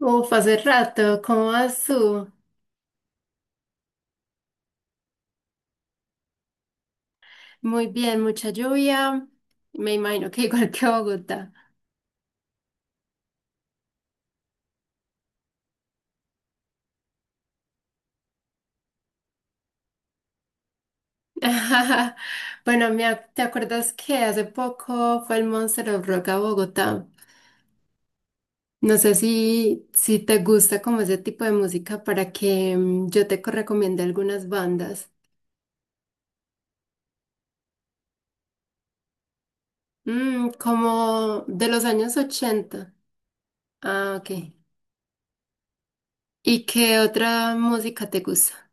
Uf, hace rato, ¿cómo vas tú? Muy bien, mucha lluvia. Me imagino que igual que Bogotá. Bueno, ¿te acuerdas que hace poco fue el Monster of Rock a Bogotá? No sé si te gusta como ese tipo de música para que yo te recomiende algunas bandas. Como de los años 80. Ah, ok. ¿Y qué otra música te gusta?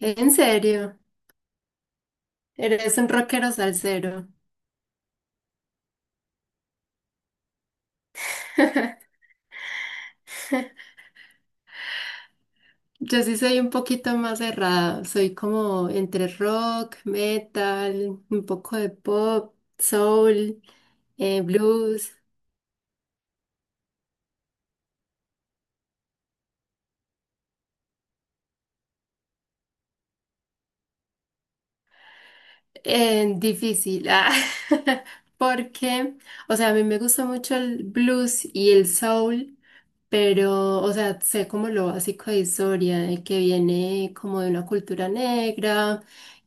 ¿En serio? Eres un rockero salsero. Yo sí soy un poquito más cerrada, soy como entre rock, metal, un poco de pop, soul, blues. Difícil, porque, o sea, a mí me gusta mucho el blues y el soul, pero, o sea, sé como lo básico de historia, de que viene como de una cultura negra,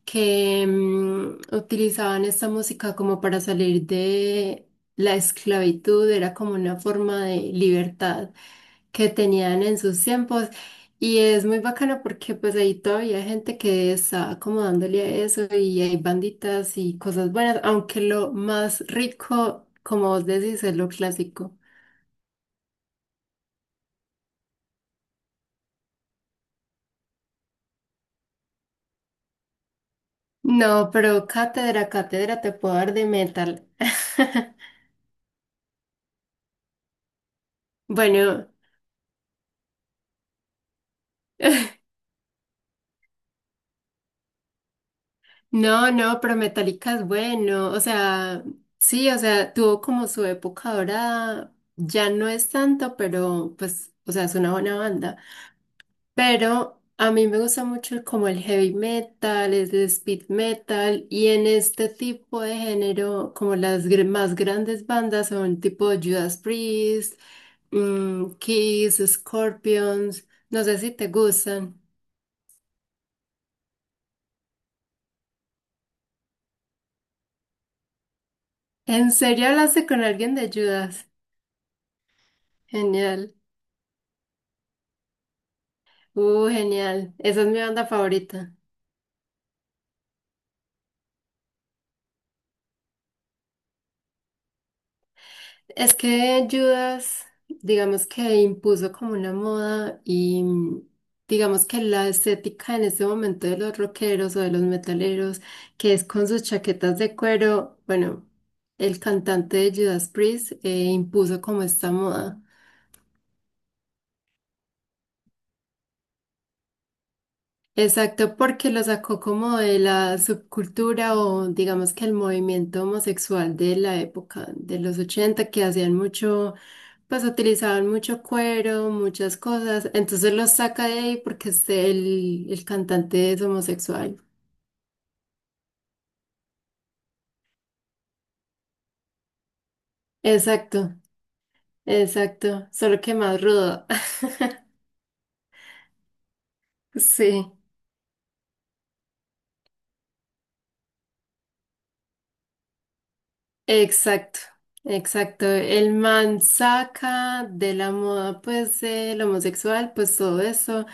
que utilizaban esta música como para salir de la esclavitud, era como una forma de libertad que tenían en sus tiempos y es muy bacana porque pues ahí todavía hay gente que está acomodándole a eso y hay banditas y cosas buenas, aunque lo más rico, como vos decís, es lo clásico. No, pero cátedra, cátedra te puedo dar de metal. Bueno, no, no, pero Metallica es bueno, o sea, sí, o sea, tuvo como su época dorada ya no es tanto, pero pues, o sea, es una buena banda. Pero a mí me gusta mucho como el heavy metal, el speed metal y en este tipo de género como las más grandes bandas son tipo Judas Priest, Kiss, Scorpions, no sé si te gustan. ¿En serio hablaste con alguien de Judas? Genial. Genial. Esa es mi banda favorita. Es que Judas, digamos que impuso como una moda y digamos que la estética en este momento de los rockeros o de los metaleros, que es con sus chaquetas de cuero, bueno, el cantante de Judas Priest impuso como esta moda. Exacto, porque lo sacó como de la subcultura o digamos que el movimiento homosexual de la época de los 80 que hacían mucho, pues utilizaban mucho cuero, muchas cosas, entonces los saca de ahí porque el cantante es homosexual. Exacto, exacto, solo que más rudo. Sí, exacto, exacto. El man saca de la moda, pues, el homosexual, pues todo eso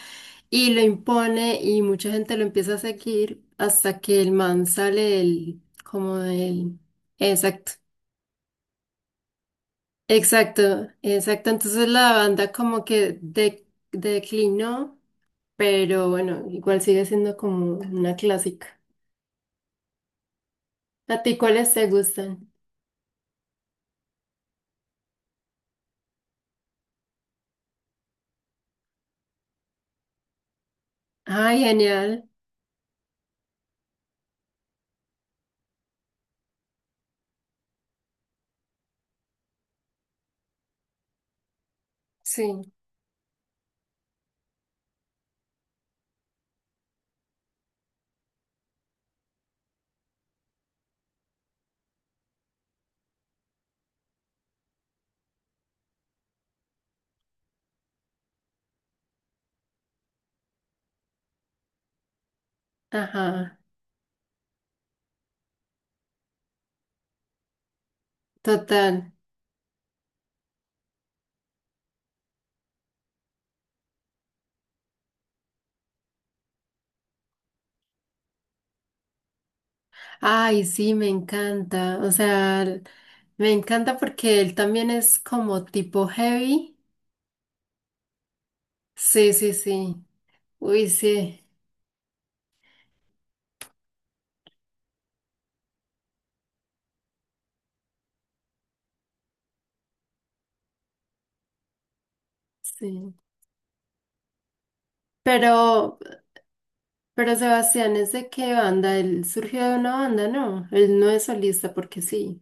y lo impone y mucha gente lo empieza a seguir hasta que el man sale el como del, exacto, exacto, exacto. Entonces la banda como que declinó, pero bueno, igual sigue siendo como una clásica. ¿A ti cuáles te gustan? Ay, genial. Sí, ajá, total. Ay, sí, me encanta. O sea, me encanta porque él también es como tipo heavy. Sí, sí, sí. Uy, sí, sí. Pero, pero Sebastián, ¿es de qué banda? Él surgió de una banda, ¿no? Él no es solista porque sí.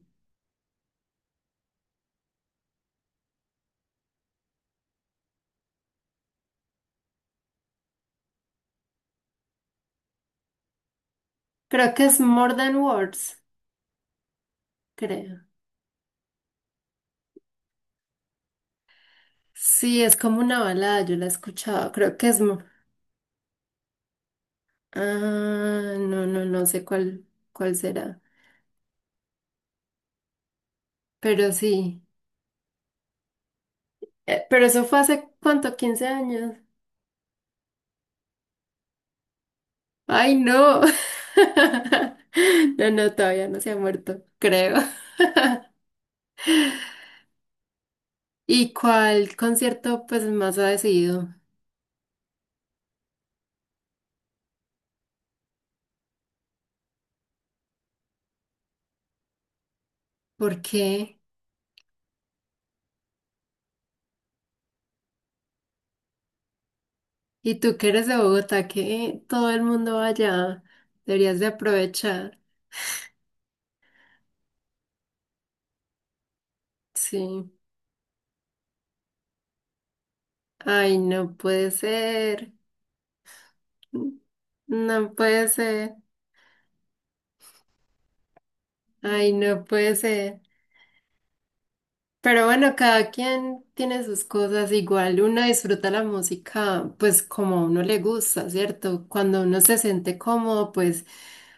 Creo que es More Than Words, creo. Sí, es como una balada, yo la he escuchado. Creo que es... mo- Ah, no, no, no sé cuál, cuál será. Pero sí. Pero eso fue hace, ¿cuánto? ¿15 años? Ay, no. No, no, todavía no se ha muerto, creo. ¿Y cuál concierto pues más ha decidido? ¿Por qué? Y tú que eres de Bogotá, que todo el mundo va allá, deberías de aprovechar. Sí. Ay, no puede ser. No puede ser. Ay, no puede ser. Pero bueno, cada quien tiene sus cosas igual. Uno disfruta la música, pues como a uno le gusta, ¿cierto? Cuando uno se siente cómodo, pues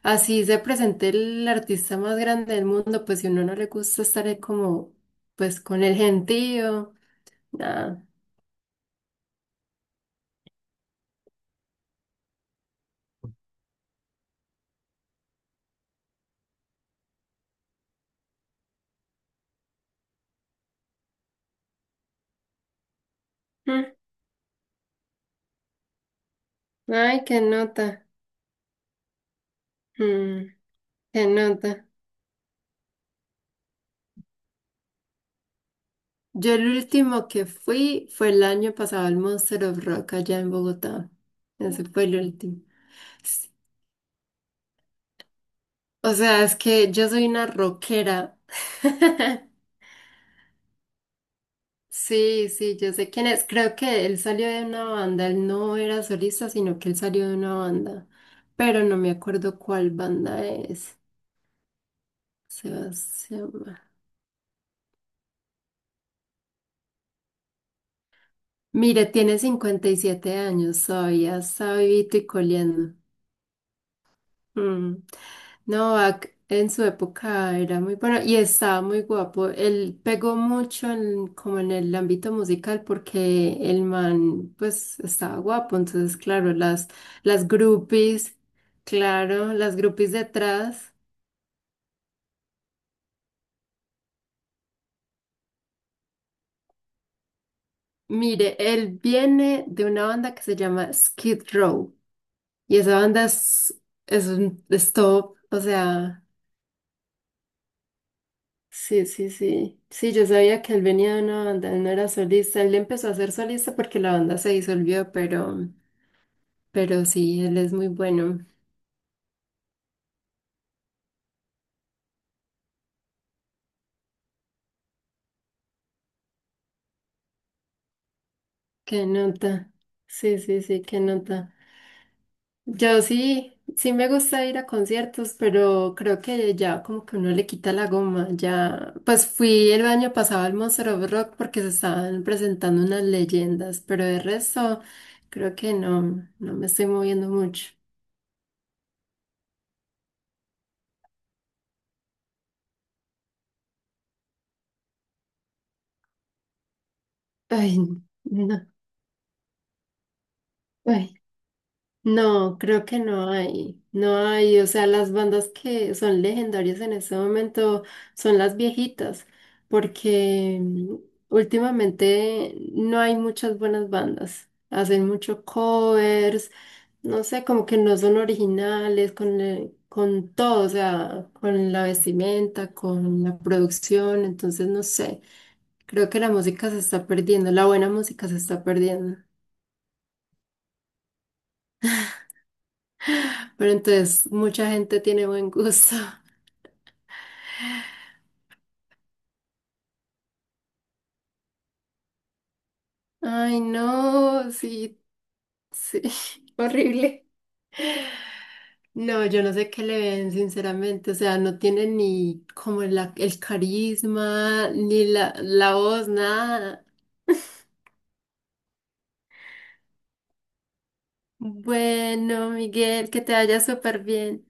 así se presente el artista más grande del mundo, pues si a uno no le gusta estar ahí como, pues con el gentío. Nada. Mm, ay, qué nota. Mm, qué nota. Yo el último que fui fue el año pasado al Monster of Rock allá en Bogotá. Ese fue el último. S- O sea, es que yo soy una rockera. Sí, sí, yo sé quién es. Creo que él salió de una banda. Él no era solista, sino que él salió de una banda. Pero no me acuerdo cuál banda es. Sebastián. Mire, tiene 57 años todavía, está vivito y coleando. Mm. Novak en su época era muy bueno y estaba muy guapo. Él pegó mucho como en el ámbito musical porque el man pues estaba guapo. Entonces, claro, las, groupies, claro, las groupies detrás. Mire, él viene de una banda que se llama Skid Row y esa banda es un es top, o sea... Sí, sí, sí. Sí, yo sabía que él venía de una banda, él no era solista. Él empezó a ser solista porque la banda se disolvió, pero sí, él es muy bueno. Qué nota. Sí, sí, sí, qué nota. Yo sí, sí me gusta ir a conciertos, pero creo que ya como que uno le quita la goma. Ya, pues fui el año pasado al Monster of Rock porque se estaban presentando unas leyendas, pero de resto creo que no, no me estoy moviendo mucho. Ay, no. Ay. No, creo que no hay, no hay, o sea, las bandas que son legendarias en este momento son las viejitas, porque últimamente no hay muchas buenas bandas, hacen mucho covers, no sé, como que no son originales con todo, o sea, con la vestimenta, con la producción, entonces no sé, creo que la música se está perdiendo, la buena música se está perdiendo. Pero entonces, mucha gente tiene buen gusto. Ay, no, sí, sí, horrible. No, yo no sé qué le ven, sinceramente. O sea, no tiene ni como el carisma, ni la voz, nada. Bueno, Miguel, que te vaya súper bien.